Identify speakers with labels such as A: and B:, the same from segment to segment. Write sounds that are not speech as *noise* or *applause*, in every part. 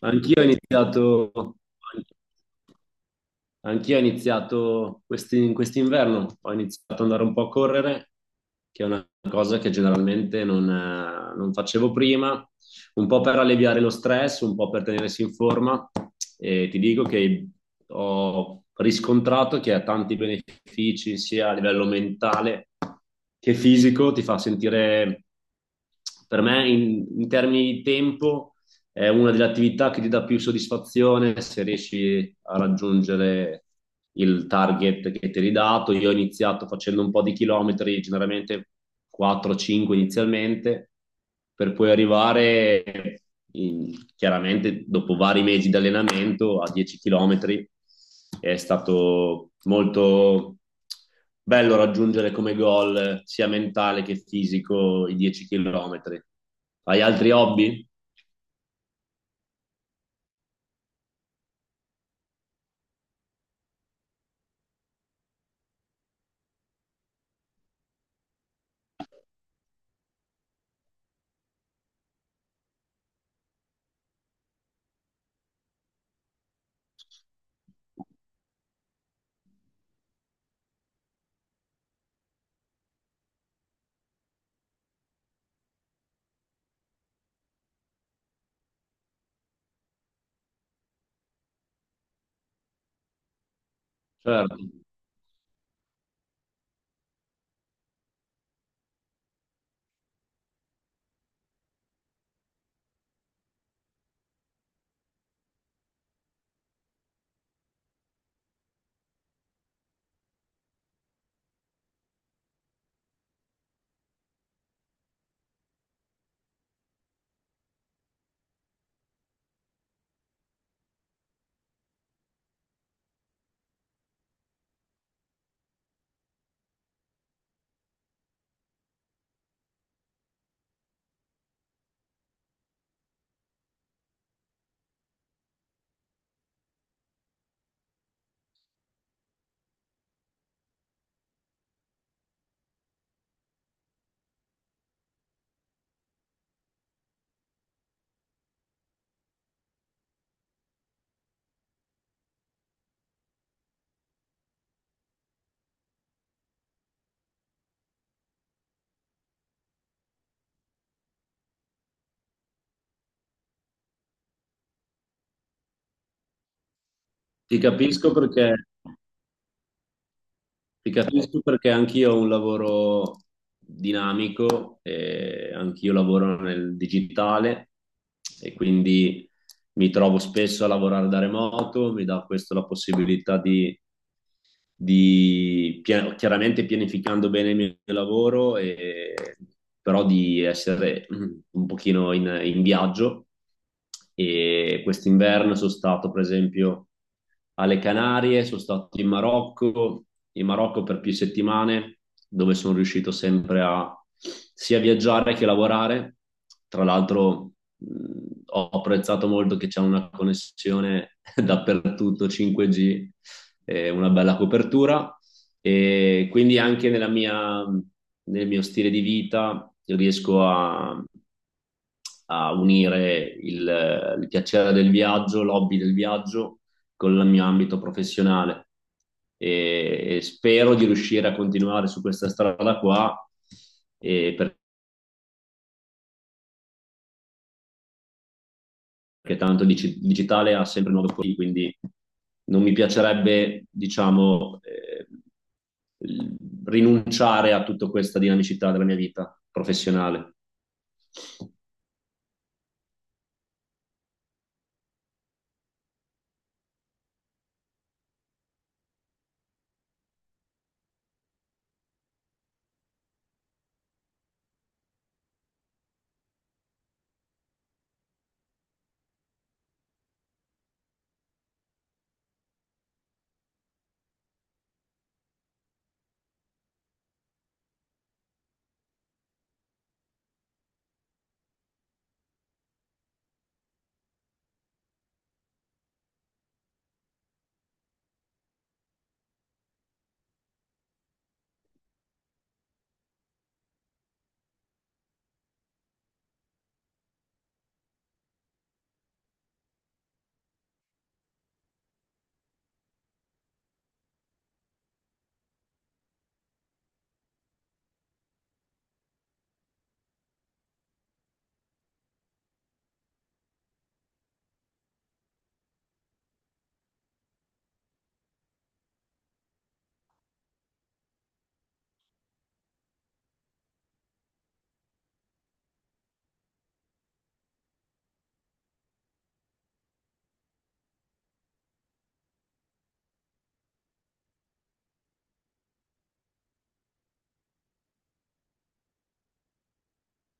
A: Anch'io ho iniziato, anch'io ho iniziato quest'inverno, ho iniziato ad andare un po' a correre, che è una cosa che generalmente non facevo prima, un po' per alleviare lo stress, un po' per tenersi in forma. E ti dico che ho riscontrato che ha tanti benefici sia a livello mentale che fisico, ti fa sentire, per me in termini di tempo è una delle attività che ti dà più soddisfazione se riesci a raggiungere il target che ti eri dato. Io ho iniziato facendo un po' di chilometri, generalmente 4-5 inizialmente, per poi arrivare chiaramente dopo vari mesi di allenamento a 10 chilometri. È stato molto bello raggiungere come goal sia mentale che fisico i 10 chilometri. Hai altri hobby? Certo, ti capisco perché, ti capisco perché anch'io ho un lavoro dinamico, e anch'io lavoro nel digitale e quindi mi trovo spesso a lavorare da remoto. Mi dà questo la possibilità di chiaramente pianificando bene il mio lavoro, e, però di essere un pochino in viaggio. E quest'inverno sono stato, per esempio, alle Canarie, sono stato in Marocco per più settimane, dove sono riuscito sempre a sia viaggiare che lavorare. Tra l'altro ho apprezzato molto che c'è una connessione *laughs* dappertutto 5G, una bella copertura, e quindi anche nel mio stile di vita riesco a unire il piacere del viaggio, l'hobby del viaggio con il mio ambito professionale, e spero di riuscire a continuare su questa strada qua, e perché tanto il digitale ha sempre nuove opportunità, quindi non mi piacerebbe, diciamo, rinunciare a tutta questa dinamicità della mia vita professionale.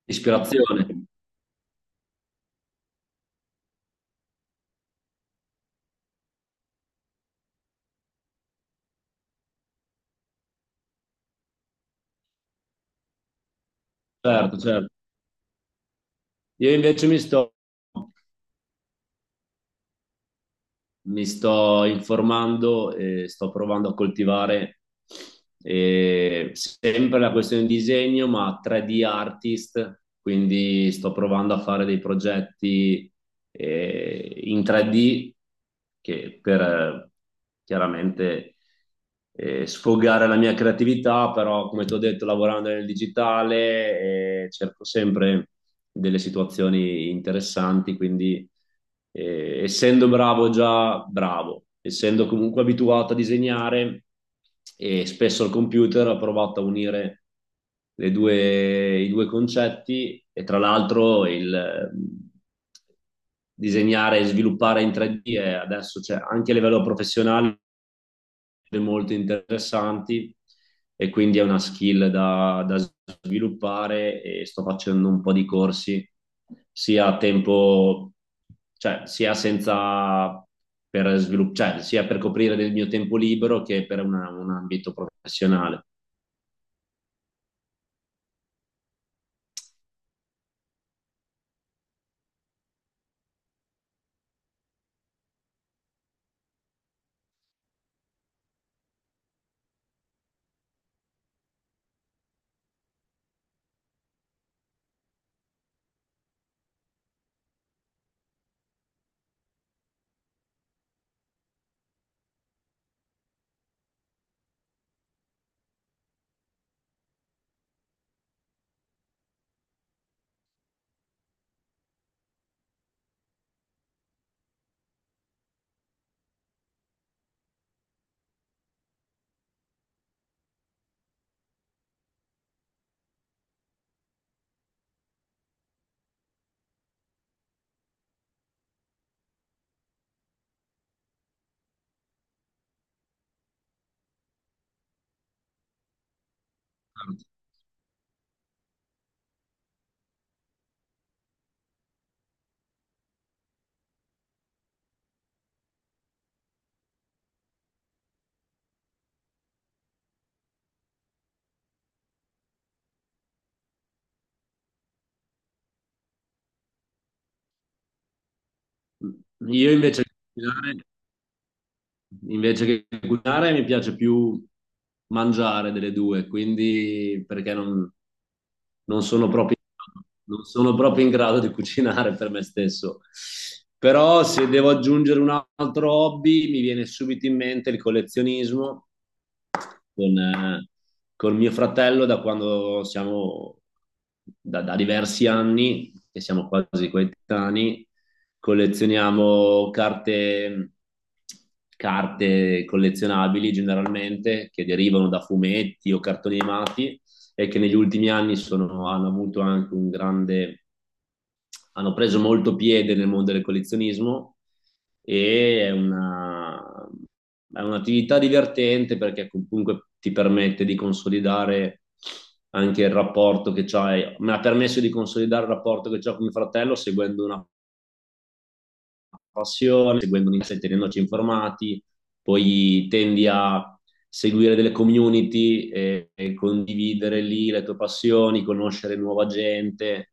A: Ispirazione, certo, certo. Io invece mi sto informando e sto provando a coltivare sempre la questione di disegno, ma 3D artist, quindi sto provando a fare dei progetti in 3D che per chiaramente sfogare la mia creatività, però come ti ho detto, lavorando nel digitale, cerco sempre delle situazioni interessanti, quindi essendo bravo già bravo, essendo comunque abituato a disegnare e spesso al computer ho provato a unire i due concetti. E tra l'altro il disegnare e sviluppare in 3D adesso c'è anche a livello professionale molto interessanti, e quindi è una skill da sviluppare, e sto facendo un po' di corsi sia a tempo, cioè sia senza, cioè, sia per coprire del mio tempo libero che per un ambito professionale. Io invece Invece che cucinare mi piace più mangiare delle due, quindi perché non sono proprio, non sono proprio in grado di cucinare per me stesso. Però se devo aggiungere un altro hobby, mi viene subito in mente il collezionismo con, eh, con mio fratello da diversi anni, che siamo quasi coetanei. Collezioniamo carte collezionabili generalmente che derivano da fumetti o cartoni animati e che negli ultimi anni sono, hanno avuto anche un grande, hanno preso molto piede nel mondo del collezionismo. E È un'attività divertente perché comunque ti permette di consolidare anche il rapporto che c'hai, mi ha permesso di consolidare il rapporto che ho con mio fratello seguendo una passione, seguendo un'interesse e tenendoci informati. Poi tendi a seguire delle community e condividere lì le tue passioni, conoscere nuova gente,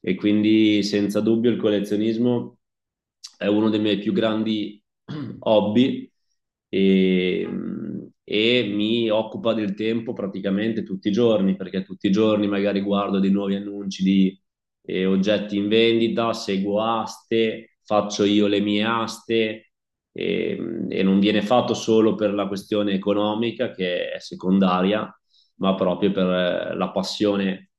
A: e quindi senza dubbio il collezionismo è uno dei miei più grandi *clears throat* hobby, e, e mi occupa del tempo praticamente tutti i giorni, perché tutti i giorni magari guardo dei nuovi annunci di oggetti in vendita, seguo aste, faccio io le mie aste, e non viene fatto solo per la questione economica che è secondaria, ma proprio per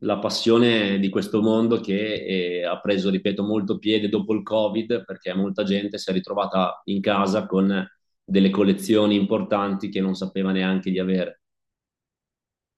A: la passione di questo mondo, che ha preso, ripeto, molto piede dopo il Covid perché molta gente si è ritrovata in casa con delle collezioni importanti che non sapeva neanche di avere.